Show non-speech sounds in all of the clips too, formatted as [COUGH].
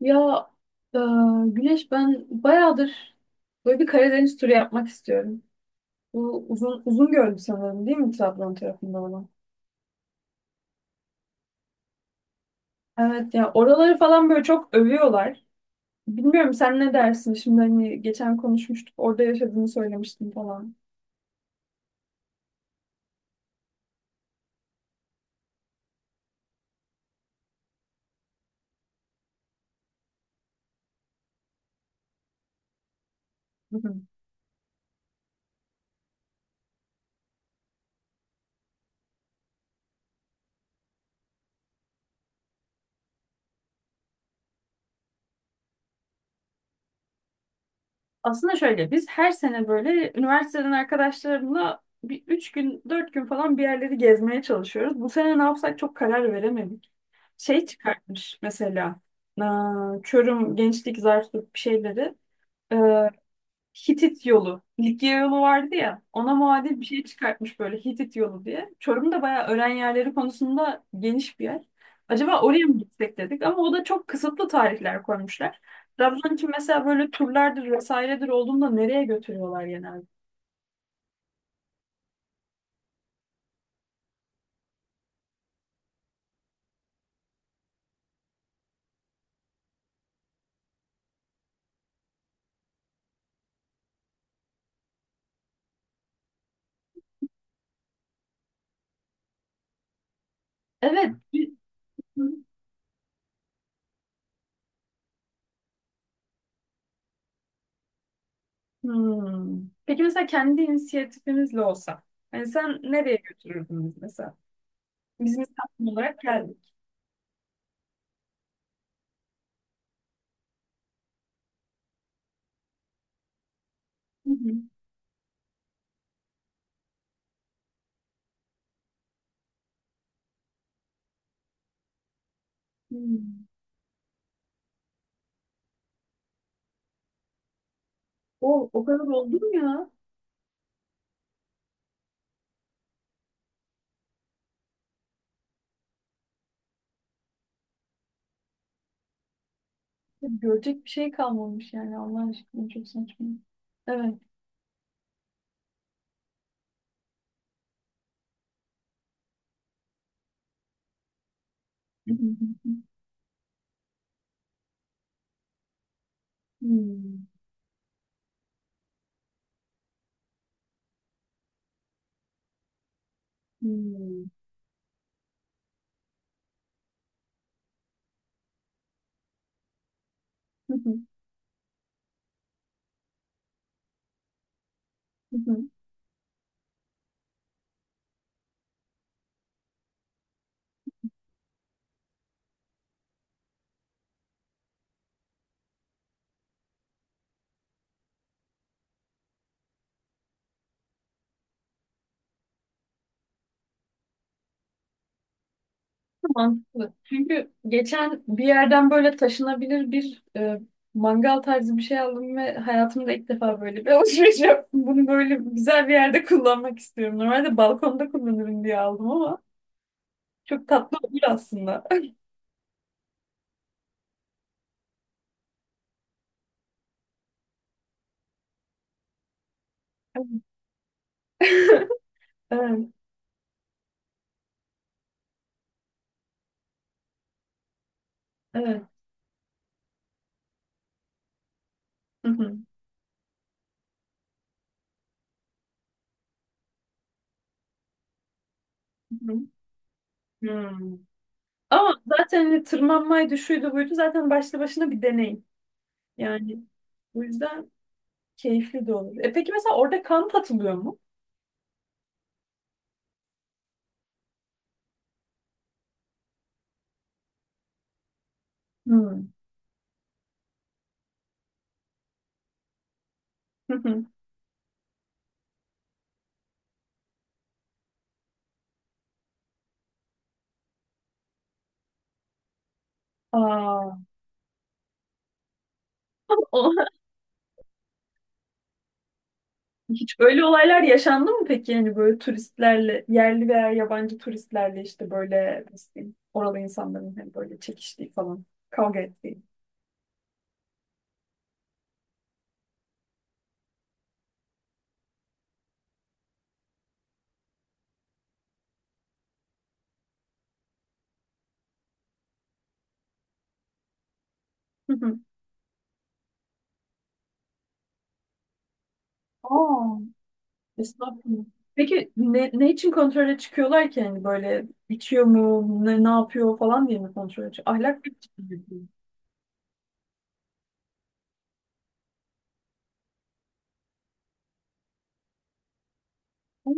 Ya e, Güneş ben bayağıdır böyle bir Karadeniz turu yapmak istiyorum. Bu uzun uzun gördüm sanırım değil mi, Trabzon tarafında olan? Evet ya, oraları falan böyle çok övüyorlar. Bilmiyorum, sen ne dersin? Şimdi hani geçen konuşmuştuk, orada yaşadığını söylemiştin falan. Hı hı. Aslında şöyle, biz her sene böyle üniversiteden arkadaşlarımla bir 3 gün 4 gün falan bir yerleri gezmeye çalışıyoruz. Bu sene ne yapsak çok karar veremedik. Şey çıkartmış mesela. Aa, Çorum Gençlik Zarflık bir şeyleri. Ee, Hitit yolu, Likya yolu vardı ya, ona muadil bir şey çıkartmış böyle, Hitit yolu diye. Çorum da bayağı öğren yerleri konusunda geniş bir yer, acaba oraya mı gitsek dedik ama o da çok kısıtlı tarihler koymuşlar. Trabzon için mesela böyle turlardır vesairedir olduğunda, nereye götürüyorlar genelde? Evet. Hmm. Peki mesela kendi inisiyatifimizle olsa, hani sen nereye götürürdün bizi mesela? Biz misafir olarak geldik. Hı hı. Hı. O, o kadar oldu mu ya? Görecek bir şey kalmamış yani, Allah aşkına, çok saçma. Evet. Hı hı hı. Hı. Hı hı. Hı hı. Mantıklı. Çünkü geçen bir yerden böyle taşınabilir bir mangal tarzı bir şey aldım ve hayatımda ilk defa böyle bir [LAUGHS] alışveriş yaptım. Bunu böyle güzel bir yerde kullanmak istiyorum. Normalde balkonda kullanırım diye aldım ama çok tatlı olur aslında. [LAUGHS] Evet, evet. Hı hı. Hı hı. Hmm. Ama zaten hani tırmanmaydı, şuydu buydu, zaten başlı başına bir deneyim. Yani bu yüzden keyifli de olur. E, peki mesela orada kamp atılıyor mu? Hmm. Hı hı. Aa. O- [LAUGHS] Hiç böyle olaylar yaşandı mı peki? Yani böyle turistlerle, yerli veya yabancı turistlerle, işte böyle nasıl diyeyim, oralı insanların hani böyle çekiştiği falan, kavga ettiği. Hı hı. Aa, estağfurullah. Peki ne için kontrole çıkıyorlar ki? Yani böyle içiyor mu, ne yapıyor falan diye mi kontrole çıkıyor? Ahlak bir için mi yapıyor? Hı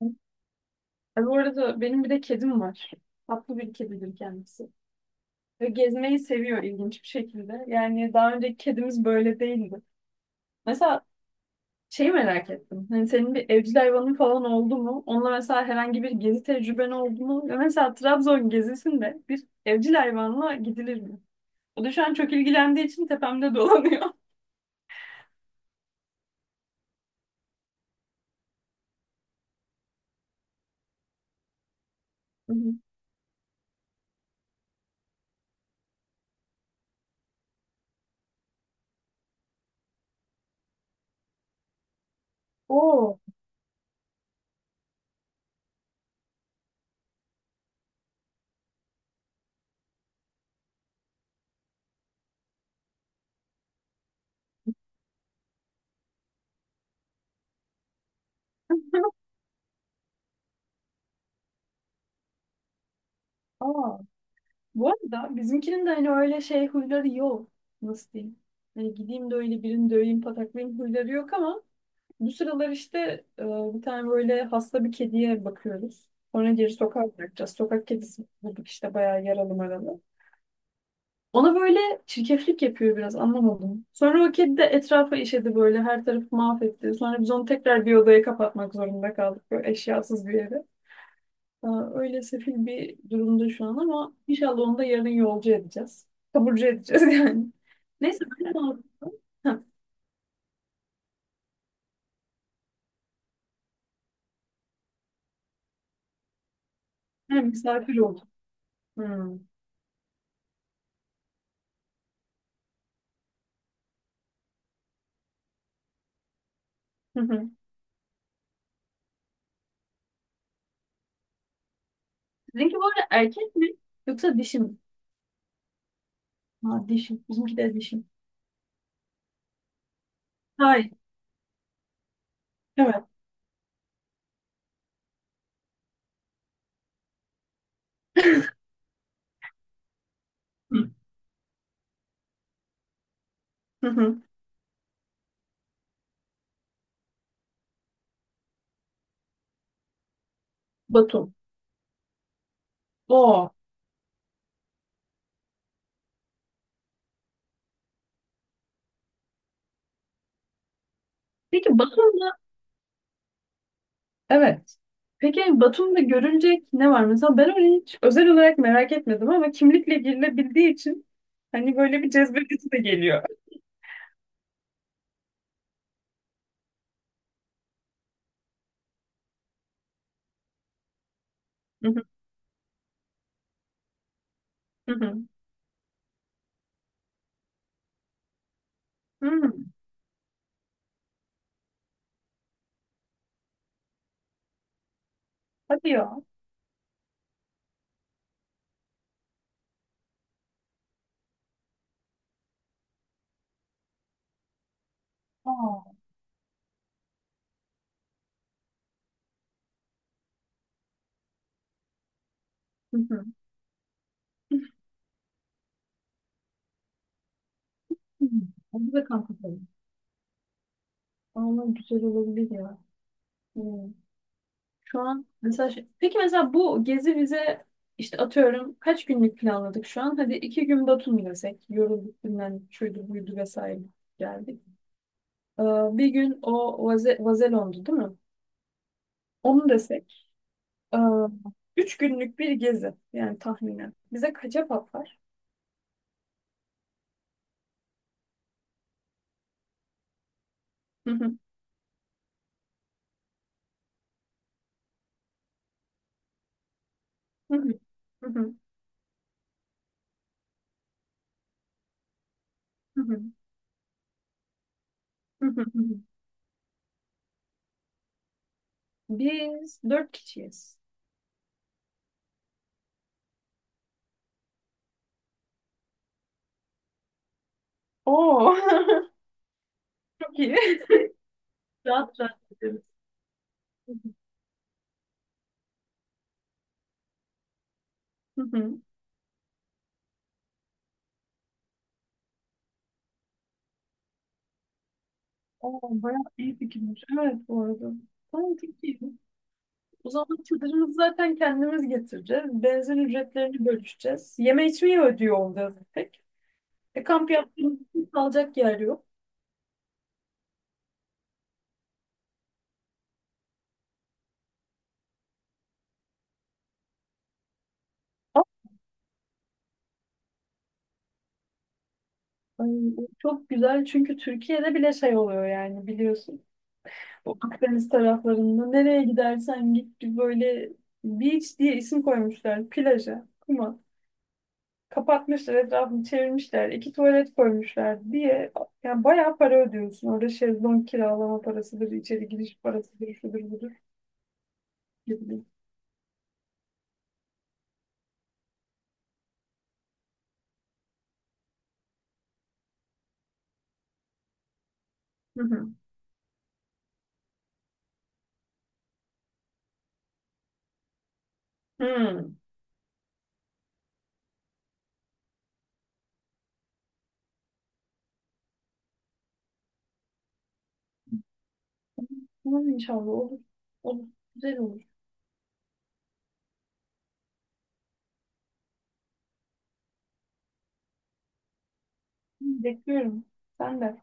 hı. E, bu arada benim bir de kedim var. Tatlı bir kedidir kendisi. Ve gezmeyi seviyor, ilginç bir şekilde. Yani daha önceki kedimiz böyle değildi. Mesela şeyi merak ettim. Hani senin bir evcil hayvanın falan oldu mu? Onunla mesela herhangi bir gezi tecrüben oldu mu? Ve mesela Trabzon gezisinde bir evcil hayvanla gidilir mi? O da şu an çok ilgilendiği için tepemde [LAUGHS] dolanıyor. Hı hı. [LAUGHS] Oo. Aa. Bu arada bizimkinin de hani öyle şey huyları yok. Nasıl diyeyim? Hani gideyim de öyle birini döveyim, pataklayayım huyları yok ama bu sıralar işte, e, bir tane böyle hasta bir kediye bakıyoruz. Sonra geri sokağa bırakacağız. Sokak kedisi bulduk işte, bayağı yaralı maralı. Ona böyle çirkeflik yapıyor biraz, anlamadım. Sonra o kedi de etrafa işedi, böyle her tarafı mahvetti. Sonra biz onu tekrar bir odaya kapatmak zorunda kaldık, böyle eşyasız bir yere. Aa, öyle sefil bir durumda şu an ama inşallah onu da yarın yolcu edeceğiz. Taburcu edeceğiz [LAUGHS] yani. Neyse, ben de aldım. Ha, yani misafir oldum. Hmm. Hı hı. Sizinki bu arada erkek mi yoksa dişi mi? Ha, dişi. Bizimki de dişi. Hayır. Evet. [LAUGHS] Hı hı. Batum. Oo. Peki Batum. Evet. Peki Batum'da görülecek ne var? Mesela ben onu hiç özel olarak merak etmedim ama kimlikle girilebildiği için hani böyle bir cezbedesi de geliyor. Hı hı, hı hı. Hı. Hadi ya. Aa. Hı hı. Hı. Hadi de kamp yapalım. Ama güzel olabilir ya. Hı. Şu an mesela peki mesela bu gezi bize, işte atıyorum, kaç günlük planladık şu an? Hadi 2 gün Batum desek. Yorulduk, bilmem şuydu buydu vesaire, geldik. Ee, Bir gün o Vazelon'du değil mi? Onu desek. e, üç günlük bir gezi. Yani tahminen. Bize kaça patlar? Hı hı, hı hı, hı hı, hı hı, hı hı, hı hı. Biz dört kişiyiz. Oo. [LAUGHS] Çok iyi. Rahat rahat ederiz. Hı hı. Hı hı. Oo, bayağı iyi fikirmiş, evet bu arada. Tamam, çok iyi. O zaman çadırımızı zaten kendimiz getireceğiz. Benzin ücretlerini bölüşeceğiz. Yeme içmeyi ödüyor olacağız tek. E, kamp yaptığımız için kalacak yer yok. Ay, bu çok güzel çünkü Türkiye'de bile şey oluyor yani, biliyorsun. O Akdeniz taraflarında nereye gidersen git, bir böyle "beach" diye isim koymuşlar plaja, kuma. Kapatmışlar, etrafını çevirmişler, iki tuvalet koymuşlar diye. Yani bayağı para ödüyorsun. Orada şezlong kiralama parasıdır, içeri giriş parasıdır, şudur budur gibi. Hı hı. Hı. Umarım inşallah olur. Olur. Güzel olur. Bekliyorum. Sen de.